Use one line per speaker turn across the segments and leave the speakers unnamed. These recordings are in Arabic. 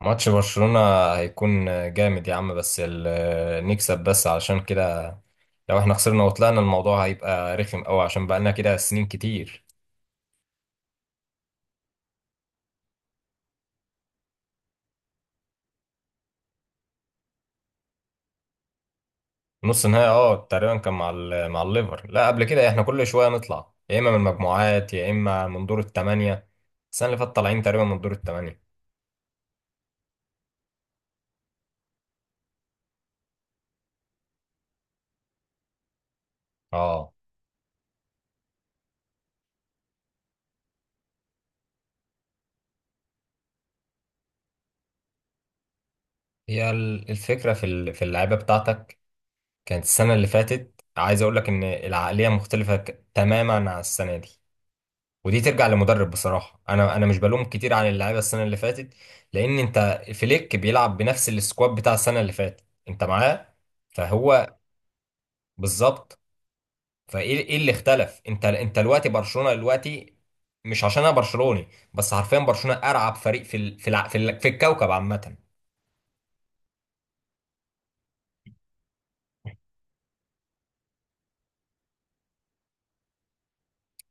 ماتش برشلونة هيكون جامد يا عم، بس نكسب بس علشان كده. لو احنا خسرنا وطلعنا، الموضوع هيبقى رخم قوي عشان بقالنا كده سنين كتير. نص نهائي تقريبا كان مع مع الليفر، لا قبل كده. احنا كل شوية نطلع يا اما من المجموعات يا اما من دور الثمانية. السنة اللي فاتت طالعين تقريبا من دور الثمانية. اه هي الفكرة في في اللعيبة بتاعتك. كانت السنة اللي فاتت، عايز اقول لك ان العقلية مختلفة تماما عن السنة دي. ودي ترجع لمدرب. بصراحه انا مش بلوم كتير عن اللعيبه السنه اللي فاتت، لان انت فليك بيلعب بنفس السكواد بتاع السنه اللي فاتت. انت معاه، فهو. بالظبط. فايه، ايه اللي اختلف، انت دلوقتي برشلونه دلوقتي. مش عشان انا برشلوني، بس حرفيا برشلونه ارعب فريق في ال... في الع... في, ال... في الكوكب عامه.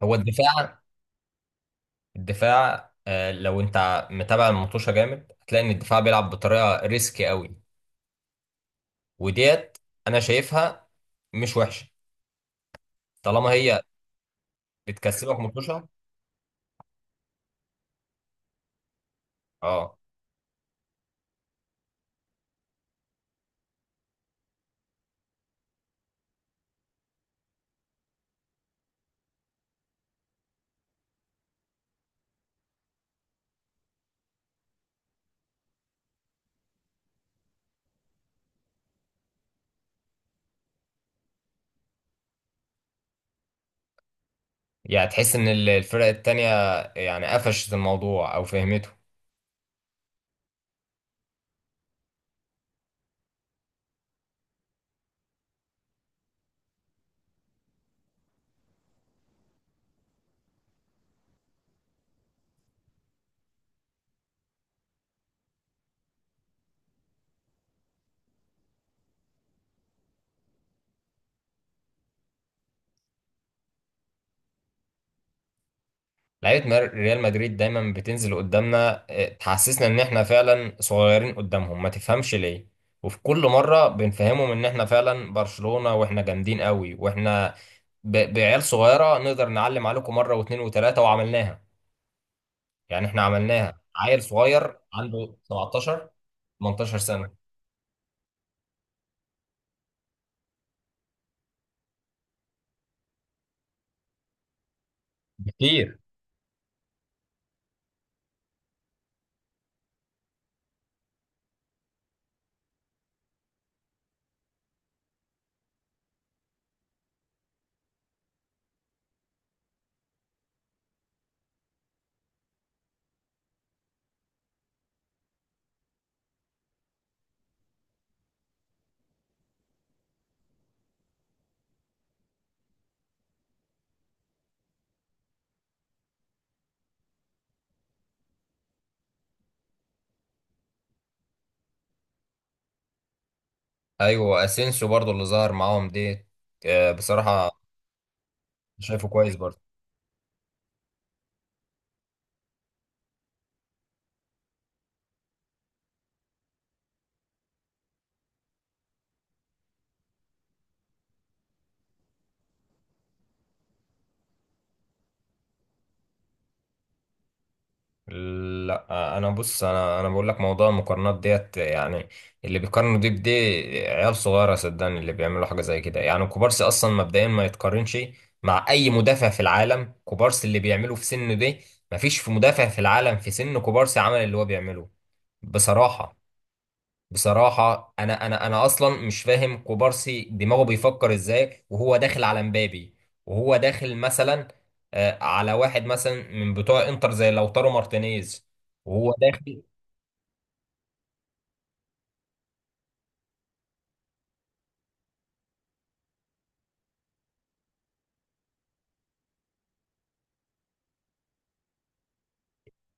هو الدفاع. الدفاع، لو انت متابع المطوشه جامد، هتلاقي ان الدفاع بيلعب بطريقه ريسكي قوي. وديت انا شايفها مش وحشه، طالما هي اتكسبوا 15. اه يعني تحس ان الفرق التانية يعني قفشت الموضوع او فهمته. لعيبة ريال مدريد دايما بتنزل قدامنا، تحسسنا ان احنا فعلا صغيرين قدامهم، ما تفهمش ليه. وفي كل مرة بنفهمهم ان احنا فعلا برشلونة واحنا جامدين قوي، واحنا بعيال صغيرة نقدر نعلم عليكم مرة واثنين وثلاثة، وعملناها. يعني احنا عملناها، عيل صغير عنده 17، 18 سنة. بكتير. ايوه، اسينسيو برضو اللي ظهر معاهم ديت. بصراحه شايفه كويس برضو. لا، انا بص، انا بقول لك موضوع المقارنات ديت يعني اللي بيقارنوا دي بدي، عيال صغيره، صدقني، اللي بيعملوا حاجه زي كده. يعني كوبارسي اصلا مبدئيا ما يتقارنش مع اي مدافع في العالم. كوبارسي اللي بيعمله في سنه دي، مفيش في مدافع في العالم في سن كوبارسي عمل اللي هو بيعمله، بصراحه. بصراحة أنا أصلا مش فاهم كوبارسي دماغه بيفكر إزاي وهو داخل على مبابي، وهو داخل مثلا على واحد مثلا من بتوع إنتر زي لوتارو مارتينيز وهو داخل.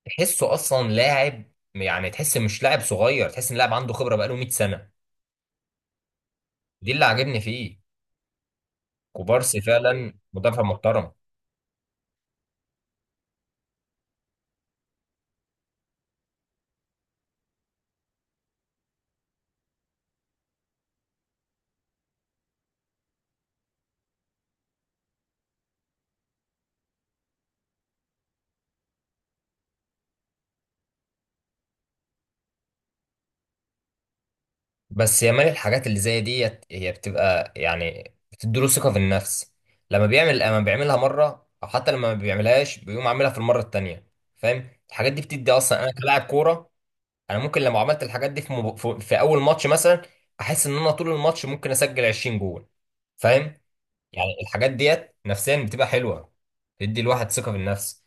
تحسه أصلا لاعب، يعني تحس مش لاعب صغير، تحس إن لاعب عنده خبرة بقاله 100 سنة. دي اللي عاجبني فيه، كوبارسي فعلا مدافع محترم. بس يا مان، الحاجات اللي زي ديت هي بتبقى يعني بتديله ثقة في النفس. لما بيعملها مرة، أو حتى لما ما بيعملهاش بيقوم عاملها في المرة التانية. فاهم؟ الحاجات دي بتدي، أصلا أنا كلاعب كورة، أنا ممكن لو عملت الحاجات دي في, مب... في في أول ماتش مثلا، أحس إن أنا طول الماتش ممكن أسجل 20 جول. فاهم؟ يعني الحاجات ديت نفسيا بتبقى حلوة، تدي الواحد ثقة في النفس.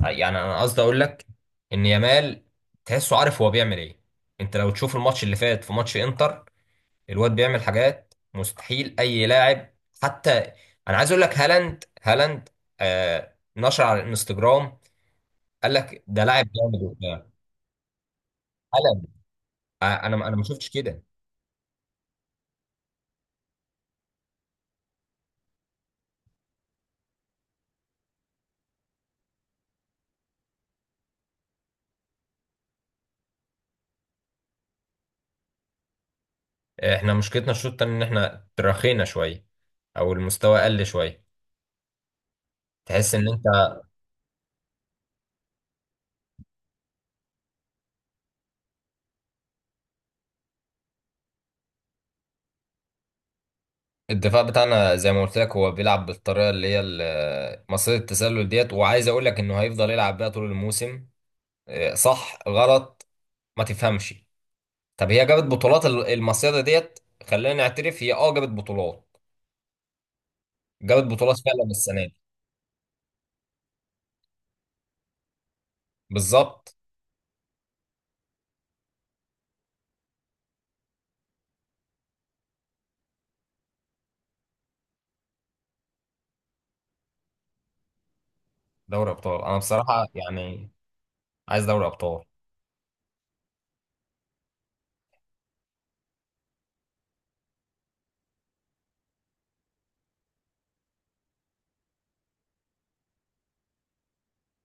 يعني أنا قصدي أقول لك إن يامال تحسه عارف هو بيعمل إيه. أنت لو تشوف الماتش اللي فات، في ماتش إنتر الواد بيعمل حاجات مستحيل اي لاعب، حتى، انا عايز اقول لك، هالاند. هالاند نشر على الانستجرام، قال لك ده لاعب جامد وبتاع. هالاند. انا ما شفتش كده. احنا مشكلتنا الشوط التاني ان احنا تراخينا شويه او المستوى قل شويه، تحس ان انت. الدفاع بتاعنا زي ما قلت لك هو بيلعب بالطريقه اللي هي مصيدة التسلل ديت، وعايز اقول لك انه هيفضل يلعب بيها طول الموسم. صح غلط ما تفهمش. طب هي جابت بطولات المصيدة ديت، خلينا نعترف، هي جابت بطولات. جابت بطولات فعلا السنة دي. بالظبط. دوري ابطال انا بصراحة يعني عايز دوري ابطال.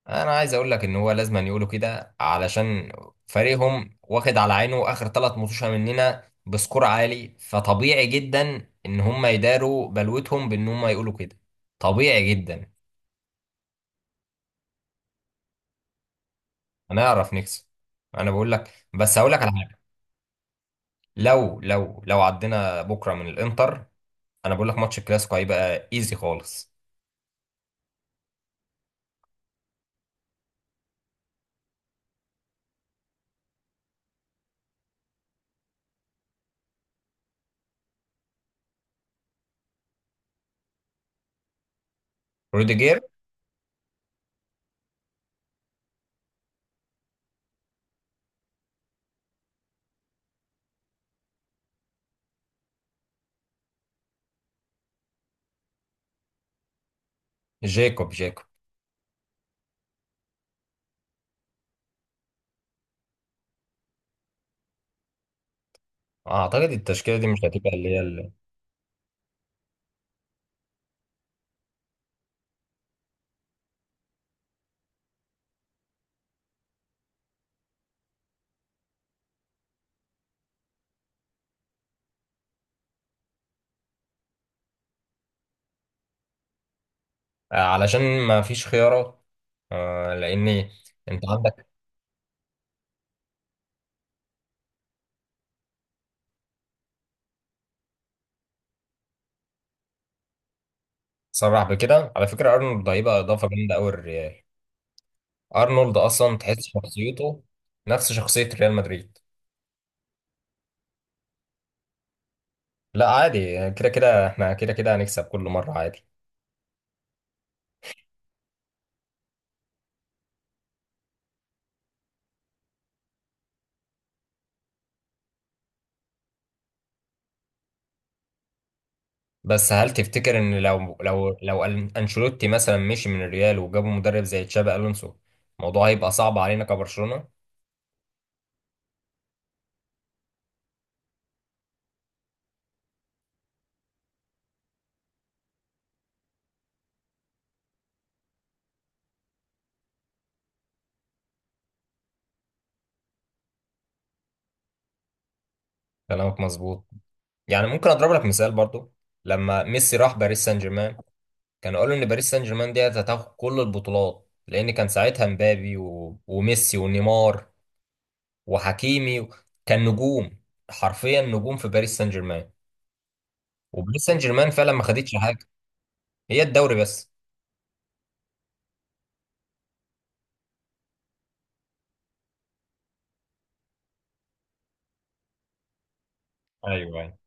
انا عايز اقول لك ان هو لازم أن يقولوا كده، علشان فريقهم واخد على عينه اخر 3 مطوشة مننا بسكور عالي، فطبيعي جدا ان هم يداروا بلوتهم بان هم يقولوا كده، طبيعي جدا. هنعرف نكسب، انا بقول لك، بس هقول لك على حاجة. لو عدينا بكرة من الانتر، انا بقول لك ماتش الكلاسيكو هيبقى ايزي خالص. روديجير. جاكوب جاكوب. اعتقد التشكيله دي مش هتبقى اللي هي اللي. علشان ما فيش خيارات، لان انت عندك. صرح بكده. على فكره ارنولد هيبقى اضافه جامده قوي للريال. ارنولد اصلا تحس شخصيته نفس شخصيه ريال مدريد. لا، عادي، كده كده احنا كده كده هنكسب كل مره، عادي. بس هل تفتكر ان لو انشيلوتي مثلا مشي من الريال وجابوا مدرب زي تشابي الونسو، الموضوع هيبقى صعب علينا كبرشلونه؟ كلامك مظبوط، يعني ممكن اضرب لك مثال برضو. لما ميسي راح باريس سان جيرمان، كانوا قالوا ان باريس سان جيرمان دي هتاخد كل البطولات، لان كان ساعتها مبابي وميسي ونيمار وحكيمي كان نجوم، حرفيا نجوم في باريس سان جيرمان. وباريس سان جيرمان فعلا ما خدتش حاجه، هي الدوري بس. ايوه، أيوة.